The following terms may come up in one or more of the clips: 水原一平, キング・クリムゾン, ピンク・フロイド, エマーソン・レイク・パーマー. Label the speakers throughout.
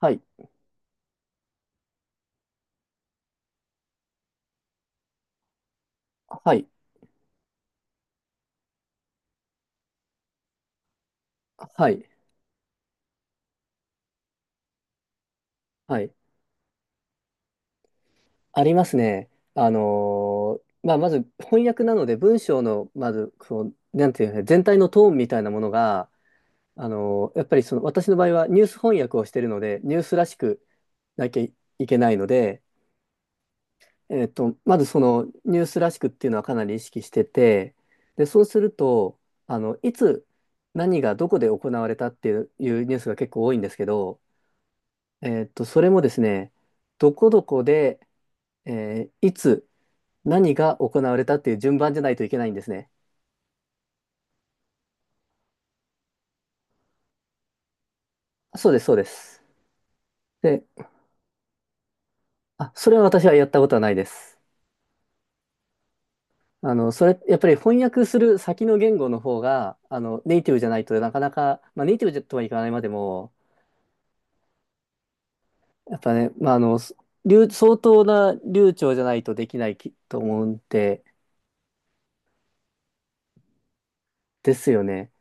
Speaker 1: はい。はい。はい。はい。ありますね。まず翻訳なので文章の、まず、こう、なんていうのかな全体のトーンみたいなものが、あのーやっぱりその、私の場合はニュース翻訳をしているので、ニュースらしくなきゃいけないので、まずそのニュースらしくっていうのはかなり意識してて、で、そうすると、いつ何がどこで行われたっていうニュースが結構多いんですけど、それもですね、どこどこで、いつ、何が行われたっていう順番じゃないといけないんですね。そうです、そうです。で、あ、それは私はやったことはないです。やっぱり翻訳する先の言語の方が、ネイティブじゃないとなかなか、まあ、ネイティブとはいかないまでも、やっぱね、相当な流暢じゃないとできないきと思うんで、ですよね。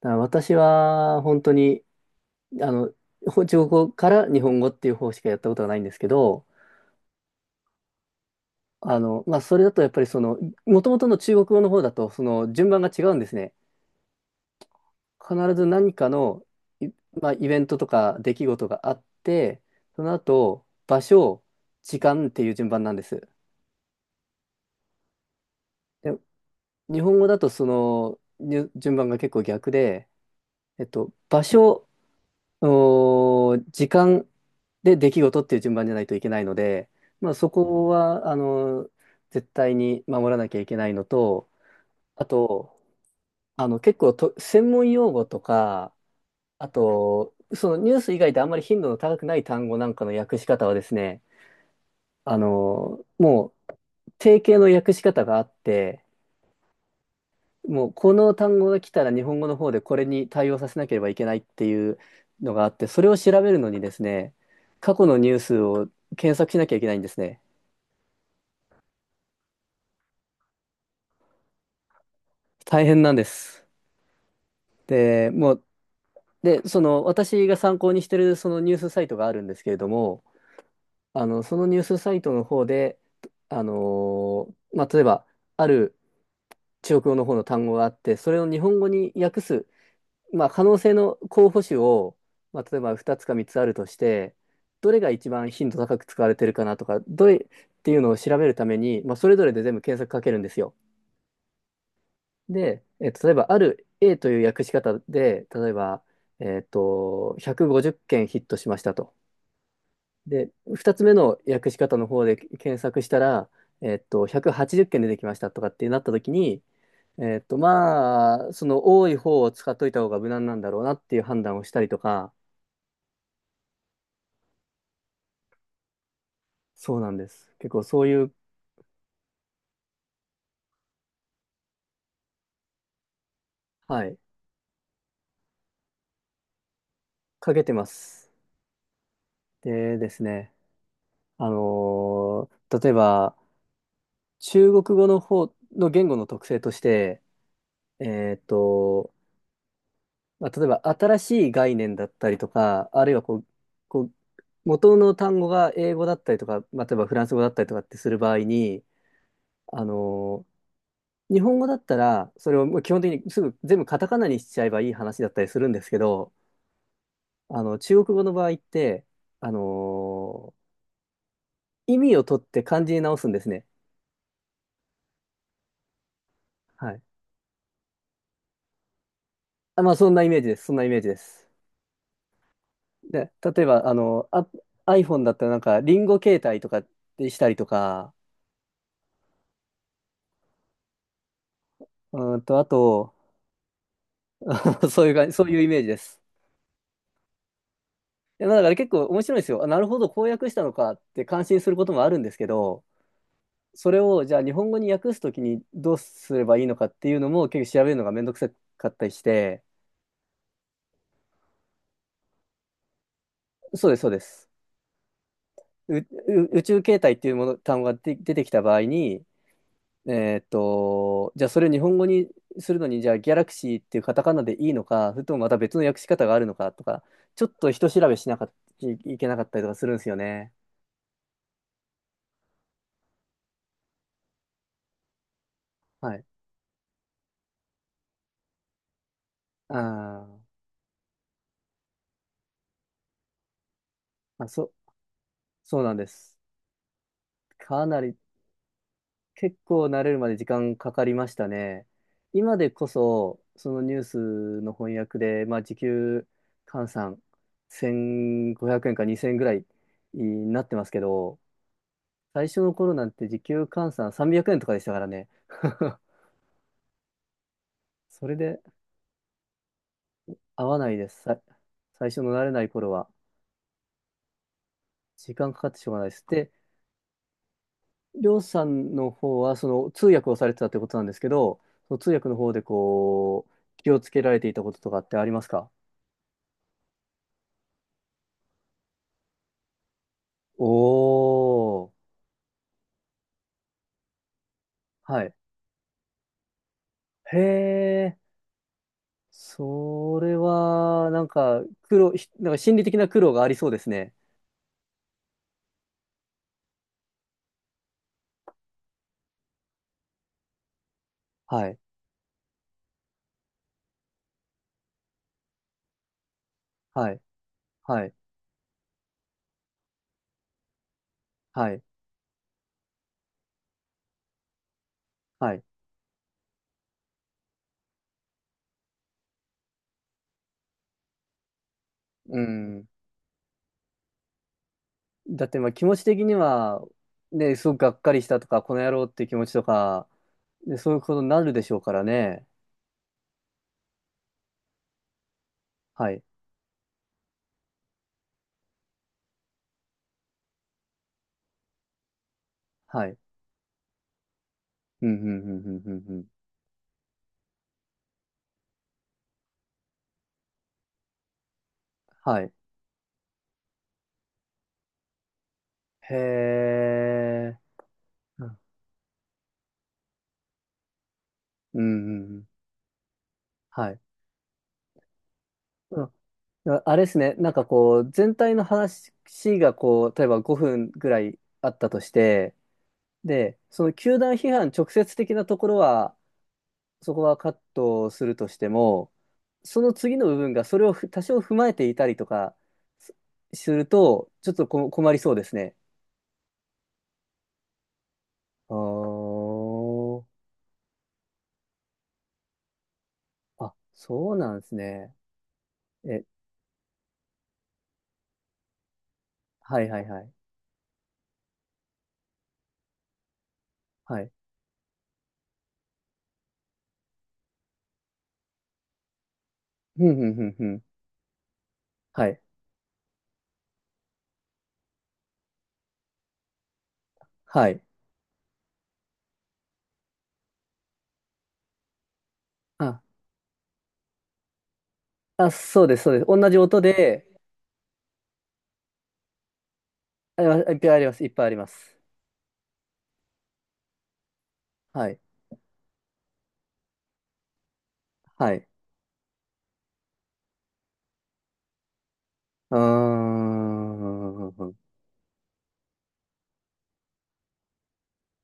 Speaker 1: だから私は、本当に、あの、中国語から日本語っていう方しかやったことはないんですけど、まあ、それだとやっぱりその、もともとの中国語の方だと、その順番が違うんですね。必ず何かの、いまあ、イベントとか出来事があって、その後、場所、時間っていう順番なんです。で、日本語だと順番が結構逆で、場所、時間で出来事っていう順番じゃないといけないので、まあ、そこは、絶対に守らなきゃいけないのと、あと、結構と、専門用語とか、あと、そのニュース以外であんまり頻度の高くない単語なんかの訳し方はですね、あの、もう、定型の訳し方があって、もう、この単語が来たら日本語の方でこれに対応させなければいけないっていうのがあって、それを調べるのにですね、過去のニュースを検索しなきゃいけないんですね。大変なんです。で、もう、で、その、私が参考にしてるそのニュースサイトがあるんですけれども、そのニュースサイトの方で、あのまあ、例えば、ある中国語の方の単語があって、それを日本語に訳す、まあ、可能性の候補種を、まあ、例えば2つか3つあるとして、どれが一番頻度高く使われてるかなとか、どれっていうのを調べるために、まあ、それぞれで全部検索かけるんですよ。で、えっと、例えば、ある A という訳し方で、例えば、150件ヒットしましたと。で、2つ目の訳し方の方で検索したら、180件出てきましたとかってなった時に、まあ、その多い方を使っといた方が無難なんだろうなっていう判断をしたりとか、そうなんです。結構そういう、はい、かけてます。でですね、あのー例えば、中国語の方の言語の特性として、えっと、まあ、例えば新しい概念だったりとか、あるいはこう、こう元の単語が英語だったりとか、まあ、例えばフランス語だったりとかってする場合に、あの日本語だったら、それをもう基本的にすぐ全部カタカナにしちゃえばいい話だったりするんですけど、中国語の場合って、あの意味を取って漢字に直すんですね。はい。あ、まあ、そんなイメージです。そんなイメージです。で、例えば、iPhone だったらなんか、リンゴ携帯とかでしたりとか、うーんと、あと、そういう感じ、そういうイメージです。いやだから結構面白いんですよ。あ、なるほど、こう訳したのかって感心することもあるんですけど、それをじゃあ日本語に訳すときにどうすればいいのかっていうのも結構調べるのがめんどくさかったりして、そうです、そうです。う、う宇宙形態っていうもの、単語が出てきた場合に、えーっと、じゃあそれを日本語にするのに、じゃあギャラクシーっていうカタカナでいいのか、それともまた別の訳し方があるのかとか、ちょっと人調べしなかっいいけなかったりとかするんですよね。はい。あーまあ、そうなんです。かなり、結構慣れるまで時間かかりましたね。今でこそ、そのニュースの翻訳で、まあ、時給換算1500円か2000円ぐらいになってますけど、最初の頃なんて時給換算300円とかでしたからね。それで合わないです。最初の慣れない頃は、時間かかってしょうがないです。でりょうさんの方は、その通訳をされてたってことなんですけど、その通訳の方で気をつけられていたこととかってありますか？おー、はい。へえ、それは、なんか、苦労、ひなんか心理的な苦労がありそうですね。はい、はい、はい、はい、はい。うん。だって、まあ気持ち的には、ね、すごくがっかりしたとか、この野郎っていう気持ちとか、で、そういうことになるでしょうからね。はい、はい。うん、うん、うん、うん、うん、うん。はい。へえ。うん。うんうん。はい。うん。あ、あれですね。なんかこう、全体の話がこう、例えば5分ぐらいあったとして、で、その球団批判直接的なところは、そこはカットするとしても、その次の部分がそれを多少踏まえていたりとかすすると、ちょっと困りそうですね。あー、あ、そうなんですね。え、はいはいはい。はい。ふんふんふんふん。はい。はい。あ、あ、そうです、そうです。同じ音で、ありますいっぱいあります。いっぱいあります。はい。はい。うーん。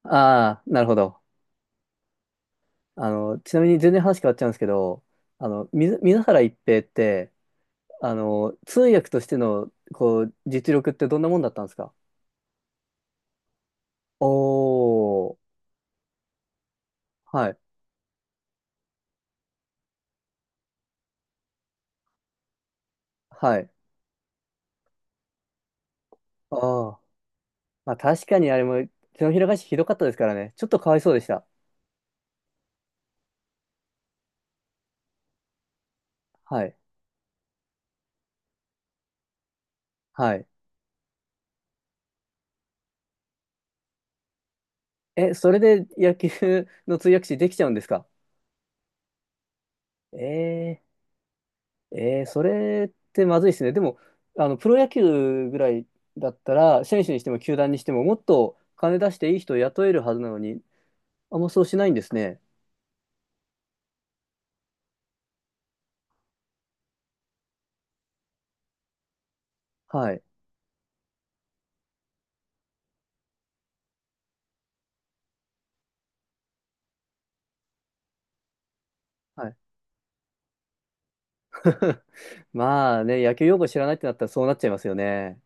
Speaker 1: ああ、なるほど。あの、ちなみに全然話変わっちゃうんですけど、あの、水原一平って、あの、通訳としての、こう、実力ってどんなもんだったんですか？おー。はい。はい。ああ。まあ確かにあれも、手のひら返しひどかったですからね。ちょっとかわいそうでした。はい。はい。え、それで野球の通訳士できちゃうんですか？えー、えーそれってまずいですね。でも、あの、プロ野球ぐらいだったら、選手にしても球団にしても、もっと金出していい人を雇えるはずなのに、あんまそうしないんですね。はい。はい。まあね、野球用語知らないってなったらそうなっちゃいますよね。